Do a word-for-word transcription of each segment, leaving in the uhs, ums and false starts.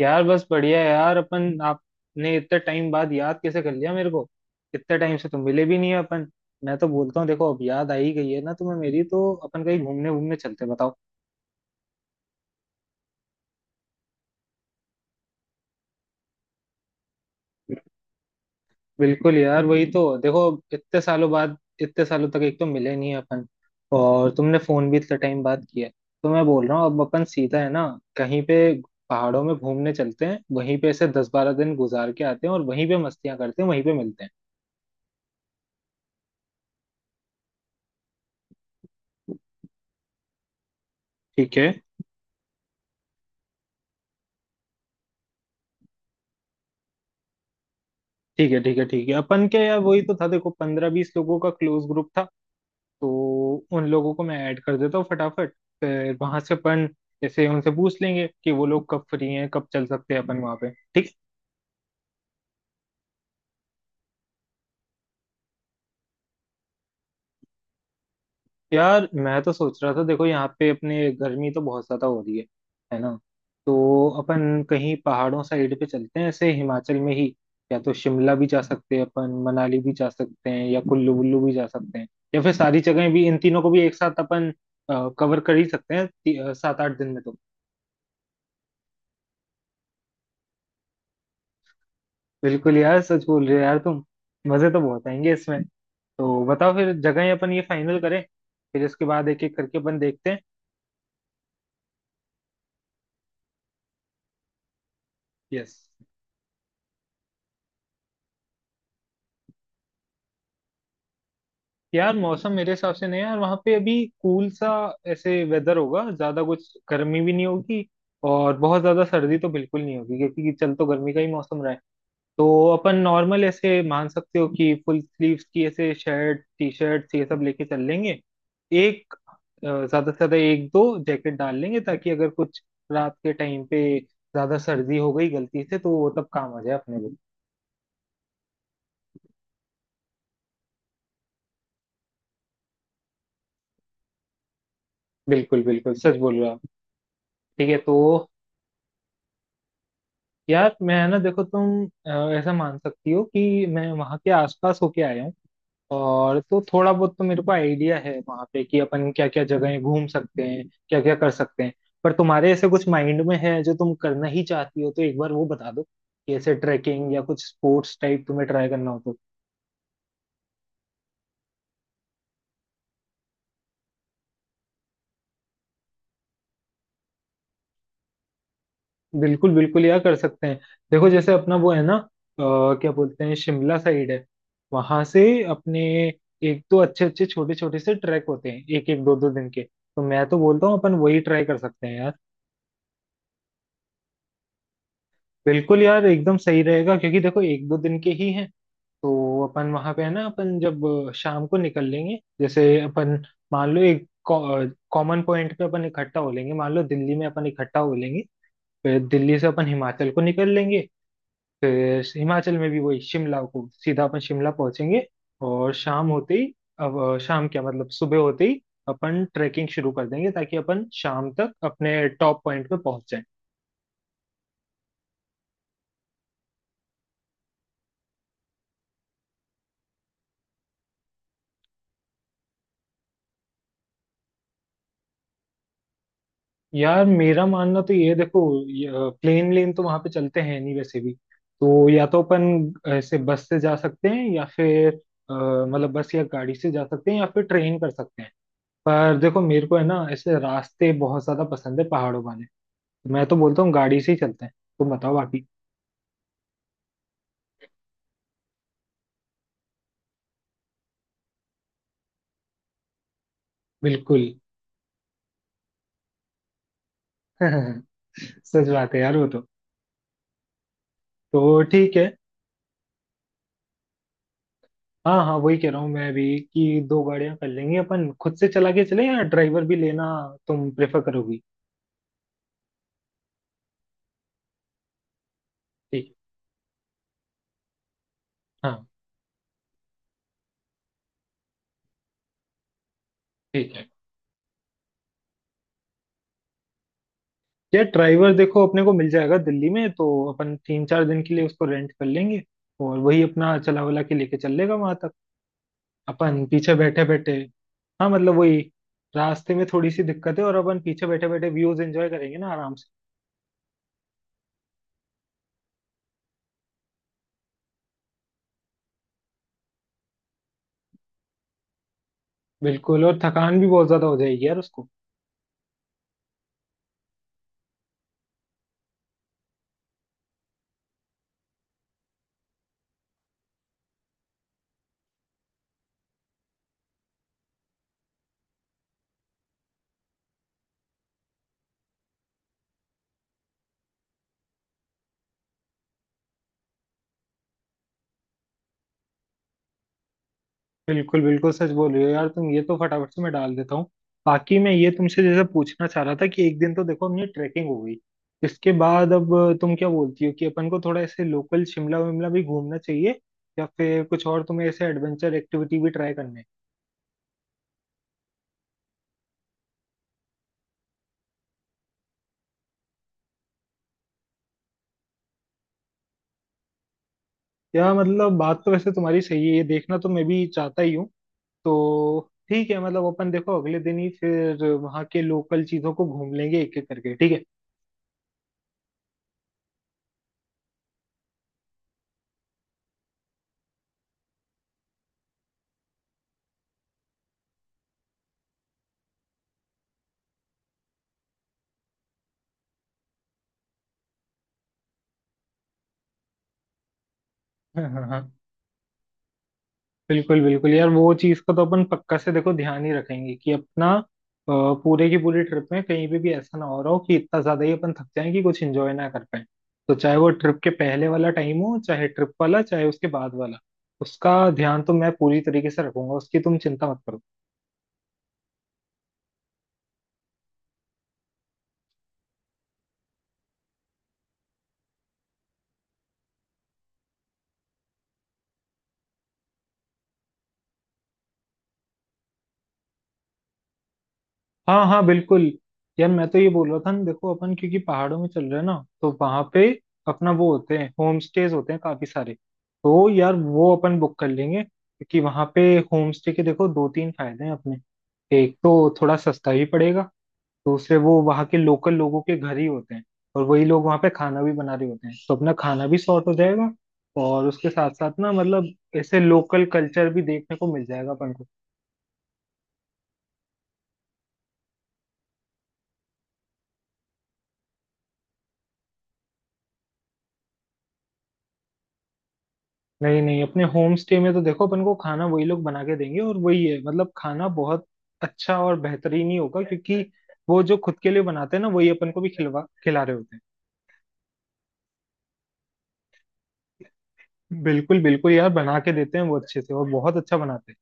यार बस बढ़िया है यार। अपन आपने इतने टाइम बाद याद कैसे कर लिया मेरे को। इतने टाइम से तो मिले भी नहीं है अपन। मैं तो बोलता हूँ देखो, अब याद आ ही गई है ना तुम्हें मेरी, तो अपन कहीं घूमने घूमने चलते हैं, बताओ। बिल्कुल यार वही तो देखो। इतने सालों बाद इतने सालों तक एक तो मिले नहीं है अपन। और तुमने फोन भी इतने टाइम बाद किया है। तो मैं बोल रहा हूँ, अब अपन सीधा है ना कहीं पे पहाड़ों में घूमने चलते हैं। वहीं पे ऐसे दस बारह दिन गुजार के आते हैं और वहीं पे मस्तियां करते हैं, वहीं पे मिलते हैं। ठीक है, ठीक है, ठीक है, ठीक है, अपन के यार वही तो था देखो, पंद्रह बीस लोगों का क्लोज ग्रुप था। तो उन लोगों को मैं ऐड कर देता हूँ फटाफट। फिर वहां से अपन जैसे उनसे पूछ लेंगे कि वो लोग कब फ्री हैं, कब चल सकते हैं अपन वहां पे। ठीक। यार मैं तो सोच रहा था देखो, यहाँ पे अपने गर्मी तो बहुत ज्यादा हो रही है है ना। तो अपन कहीं पहाड़ों साइड पे चलते हैं, ऐसे हिमाचल में ही। या तो शिमला भी जा सकते हैं अपन, मनाली भी जा सकते हैं, या कुल्लू वुल्लू भी जा सकते हैं। या फिर सारी जगहें भी, इन तीनों को भी एक साथ अपन कवर कर ही सकते हैं ती- अ, सात आठ दिन में तो। बिल्कुल यार, सच बोल रहे हो यार तुम। मजे तो बहुत आएंगे इसमें। तो बताओ फिर जगहें अपन ये फाइनल करें। फिर इसके बाद एक एक करके अपन देखते हैं। यस। यार मौसम मेरे हिसाब से नहीं है यार वहाँ पे अभी। कूल सा ऐसे वेदर होगा, ज्यादा कुछ गर्मी भी नहीं होगी। और बहुत ज्यादा सर्दी तो बिल्कुल नहीं होगी, क्योंकि चल तो गर्मी का ही मौसम रहा है। तो अपन नॉर्मल ऐसे मान सकते हो कि फुल स्लीव्स की ऐसे शर्ट, टी शर्ट ये सब लेके चल लेंगे। एक अ, ज्यादा से ज्यादा एक दो जैकेट डाल लेंगे, ताकि अगर कुछ रात के टाइम पे ज्यादा सर्दी हो गई गलती से, तो वो तब काम आ जाए अपने लिए। बिल्कुल बिल्कुल, सच बोल रहा हूँ। ठीक है, तो यार मैं ना देखो तुम अ, ऐसा मान सकती हो कि मैं वहाँ के आसपास होके आया हूँ। और तो थोड़ा बहुत तो मेरे को आइडिया है वहाँ पे कि अपन क्या क्या जगहें घूम सकते हैं, क्या क्या कर सकते हैं। पर तुम्हारे ऐसे कुछ माइंड में है जो तुम करना ही चाहती हो, तो एक बार वो बता दो कि ऐसे ट्रैकिंग या कुछ स्पोर्ट्स टाइप तुम्हें ट्राई करना हो तो। बिल्कुल बिल्कुल यार, कर सकते हैं। देखो जैसे अपना वो है ना अ, क्या बोलते हैं, शिमला साइड है। वहां से अपने एक तो अच्छे अच्छे छोटे छोटे से ट्रैक होते हैं, एक एक दो दो दिन के। तो मैं तो बोलता हूँ अपन वही ट्राई कर सकते हैं यार। बिल्कुल यार एकदम सही रहेगा, क्योंकि देखो एक दो दिन के ही हैं। तो अपन वहां पे है ना, अपन जब अ, शाम को निकल लेंगे, जैसे अपन मान लो एक कॉमन पॉइंट पे अपन इकट्ठा हो लेंगे, मान लो दिल्ली में अपन इकट्ठा हो लेंगे। फिर दिल्ली से अपन हिमाचल को निकल लेंगे। फिर हिमाचल में भी वही शिमला को सीधा अपन शिमला पहुंचेंगे। और शाम होते ही, अब अ, शाम क्या, मतलब सुबह होते ही अपन ट्रैकिंग शुरू कर देंगे, ताकि अपन शाम तक अपने टॉप पॉइंट पे पहुंच जाएं। यार मेरा मानना तो ये है, देखो ये, अ, प्लेन लेन तो वहां पे चलते हैं नहीं वैसे भी। तो या तो अपन ऐसे बस से जा सकते हैं, या फिर अ, मतलब बस या गाड़ी से जा सकते हैं, या फिर ट्रेन कर सकते हैं। पर देखो मेरे को है ना ऐसे रास्ते बहुत ज्यादा पसंद है पहाड़ों वाले। मैं तो बोलता हूँ गाड़ी से ही चलते हैं। तुम बताओ बाकी। बिल्कुल सच बात है यार वो तो। तो ठीक है। हाँ हाँ, वही कह रहा हूँ मैं भी, कि दो गाड़ियां कर लेंगे अपन। खुद से चला के चले या ड्राइवर भी लेना तुम प्रेफर करोगी। ठीक है। हाँ। ठीक है। यार ड्राइवर देखो अपने को मिल जाएगा दिल्ली में तो। अपन तीन चार दिन के लिए उसको रेंट कर लेंगे। और वही अपना चला वला के लेके चल लेगा वहां तक। अपन पीछे बैठे बैठे। हाँ मतलब वही, रास्ते में थोड़ी सी दिक्कत है, और अपन पीछे बैठे बैठे व्यूज एंजॉय करेंगे ना आराम से। बिल्कुल, और थकान भी बहुत ज्यादा हो जाएगी यार। बिल्कुल बिल्कुल, सच बोल रही हो यार तुम, ये तो फटाफट से मैं डाल देता हूँ। बाकी मैं ये तुमसे जैसे पूछना चाह रहा था, कि एक दिन तो देखो हमने ट्रैकिंग हो गई। इसके बाद अब तुम क्या बोलती हो, कि अपन को थोड़ा ऐसे लोकल शिमला विमला भी घूमना चाहिए। या फिर कुछ और तुम्हें ऐसे एडवेंचर एक्टिविटी भी ट्राई करने। या मतलब बात तो वैसे तुम्हारी सही है, ये देखना तो मैं भी चाहता ही हूँ। तो ठीक है, मतलब अपन देखो अगले दिन ही फिर वहाँ के लोकल चीजों को घूम लेंगे एक एक करके, ठीक है। हाँ हाँ हाँ। बिल्कुल बिल्कुल यार, वो चीज का तो अपन पक्का से देखो ध्यान ही रखेंगे, कि अपना अ, पूरे की पूरी ट्रिप में कहीं पे भी ऐसा ना हो रहा हो कि इतना ज्यादा ही अपन थक जाएं कि कुछ एंजॉय ना कर पाए। तो चाहे वो ट्रिप के पहले वाला टाइम हो, चाहे ट्रिप वाला, चाहे उसके बाद वाला। उसका ध्यान तो मैं पूरी तरीके से रखूंगा, उसकी तुम चिंता मत करो। हाँ हाँ। बिल्कुल। यार मैं तो ये बोल रहा था ना देखो, अपन क्योंकि पहाड़ों में चल रहे हैं ना। तो वहां पे अपना वो होते हैं, होम स्टेज होते हैं काफी सारे। तो यार वो अपन बुक कर लेंगे, क्योंकि वहां पे होम स्टे के देखो दो तीन फायदे हैं अपने। एक तो थोड़ा सस्ता भी पड़ेगा। दूसरे वो वहाँ के लोकल लोगों के घर ही होते हैं। और वही लोग वहाँ पे खाना भी बना रहे होते हैं, तो अपना खाना भी सॉर्ट हो जाएगा। और उसके साथ साथ ना मतलब, ऐसे लोकल कल्चर भी देखने को मिल जाएगा अपन को। नहीं नहीं, अपने होम स्टे में तो देखो अपन को खाना वही लोग बना के देंगे। और वही है मतलब, खाना बहुत अच्छा और बेहतरीन ही होगा, क्योंकि वो जो खुद के लिए बनाते हैं ना, वही अपन को भी खिलवा खिला रहे होते हैं। बिल्कुल बिल्कुल यार, बना के देते हैं वो अच्छे से, और बहुत अच्छा बनाते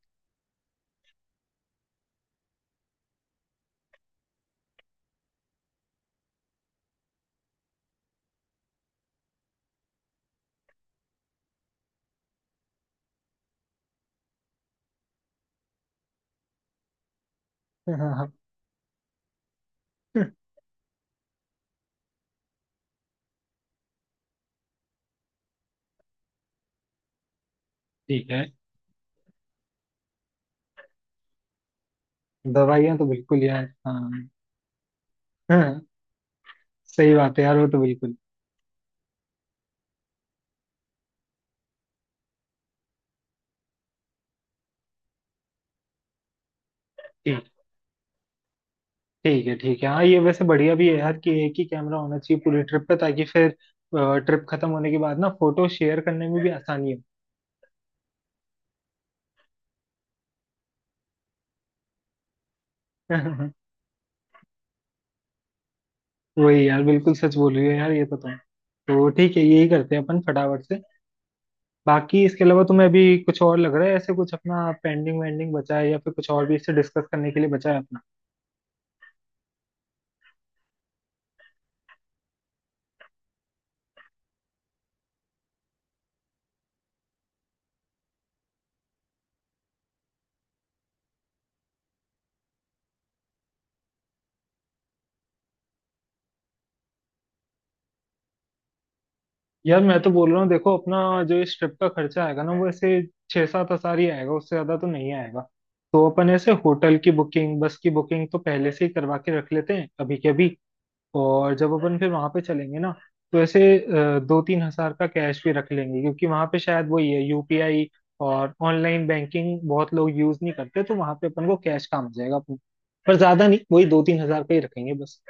हैं हाँ हाँ हाँ, ठीक है। दवाइयाँ तो बिल्कुल यार, हाँ। हाँ, सही बात है यार, वो तो बिल्कुल। ठीक। ठीक है, ठीक है हाँ, ये वैसे बढ़िया भी है यार कि एक ही कैमरा होना चाहिए पूरी ट्रिप पे, ताकि फिर ट्रिप खत्म होने के बाद ना फोटो शेयर करने में भी आसानी हो वही यार, बिल्कुल सच बोल रही हो यार ये तो तुम। तो ठीक है, यही करते हैं अपन फटाफट से। बाकी इसके अलावा तुम्हें अभी कुछ और लग रहा है, ऐसे कुछ अपना पेंडिंग वेंडिंग बचा है, या फिर कुछ और भी इससे डिस्कस करने के लिए बचा है अपना। यार मैं तो बोल रहा हूँ देखो, अपना जो इस ट्रिप का खर्चा आएगा ना वो ऐसे छः सात हजार ही आएगा, उससे ज्यादा तो नहीं आएगा। तो अपन ऐसे होटल की बुकिंग, बस की बुकिंग तो पहले से ही करवा के रख लेते हैं अभी के अभी। और जब अपन फिर वहां पे चलेंगे ना, तो ऐसे अ, दो तीन हजार का कैश भी रख लेंगे, क्योंकि वहां पे शायद वही है, यू पी आई और ऑनलाइन बैंकिंग बहुत लोग यूज नहीं करते, तो वहां पे अपन को कैश काम आ जाएगा अपन। पर ज्यादा नहीं, वही दो तीन हजार का ही रखेंगे बस।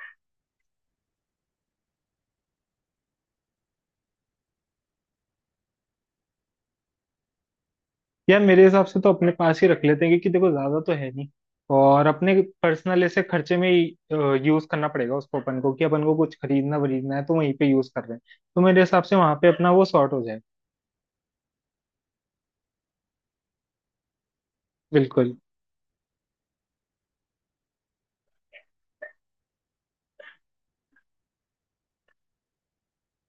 यार मेरे हिसाब से तो अपने पास ही रख लेते हैं, क्योंकि देखो ज्यादा तो है नहीं। और अपने पर्सनल ऐसे खर्चे में ही यूज करना पड़ेगा उसको अपन को, कि अपन को कुछ खरीदना वरीदना है तो वहीं पे यूज कर रहे हैं। तो मेरे हिसाब से वहां पे अपना वो सॉर्ट हो जाएगा। बिल्कुल।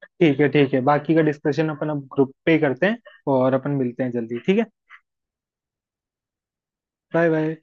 ठीक है, ठीक है, बाकी का डिस्कशन अपन अब ग्रुप पे ही करते हैं। और अपन मिलते हैं जल्दी, ठीक है। Bye bye.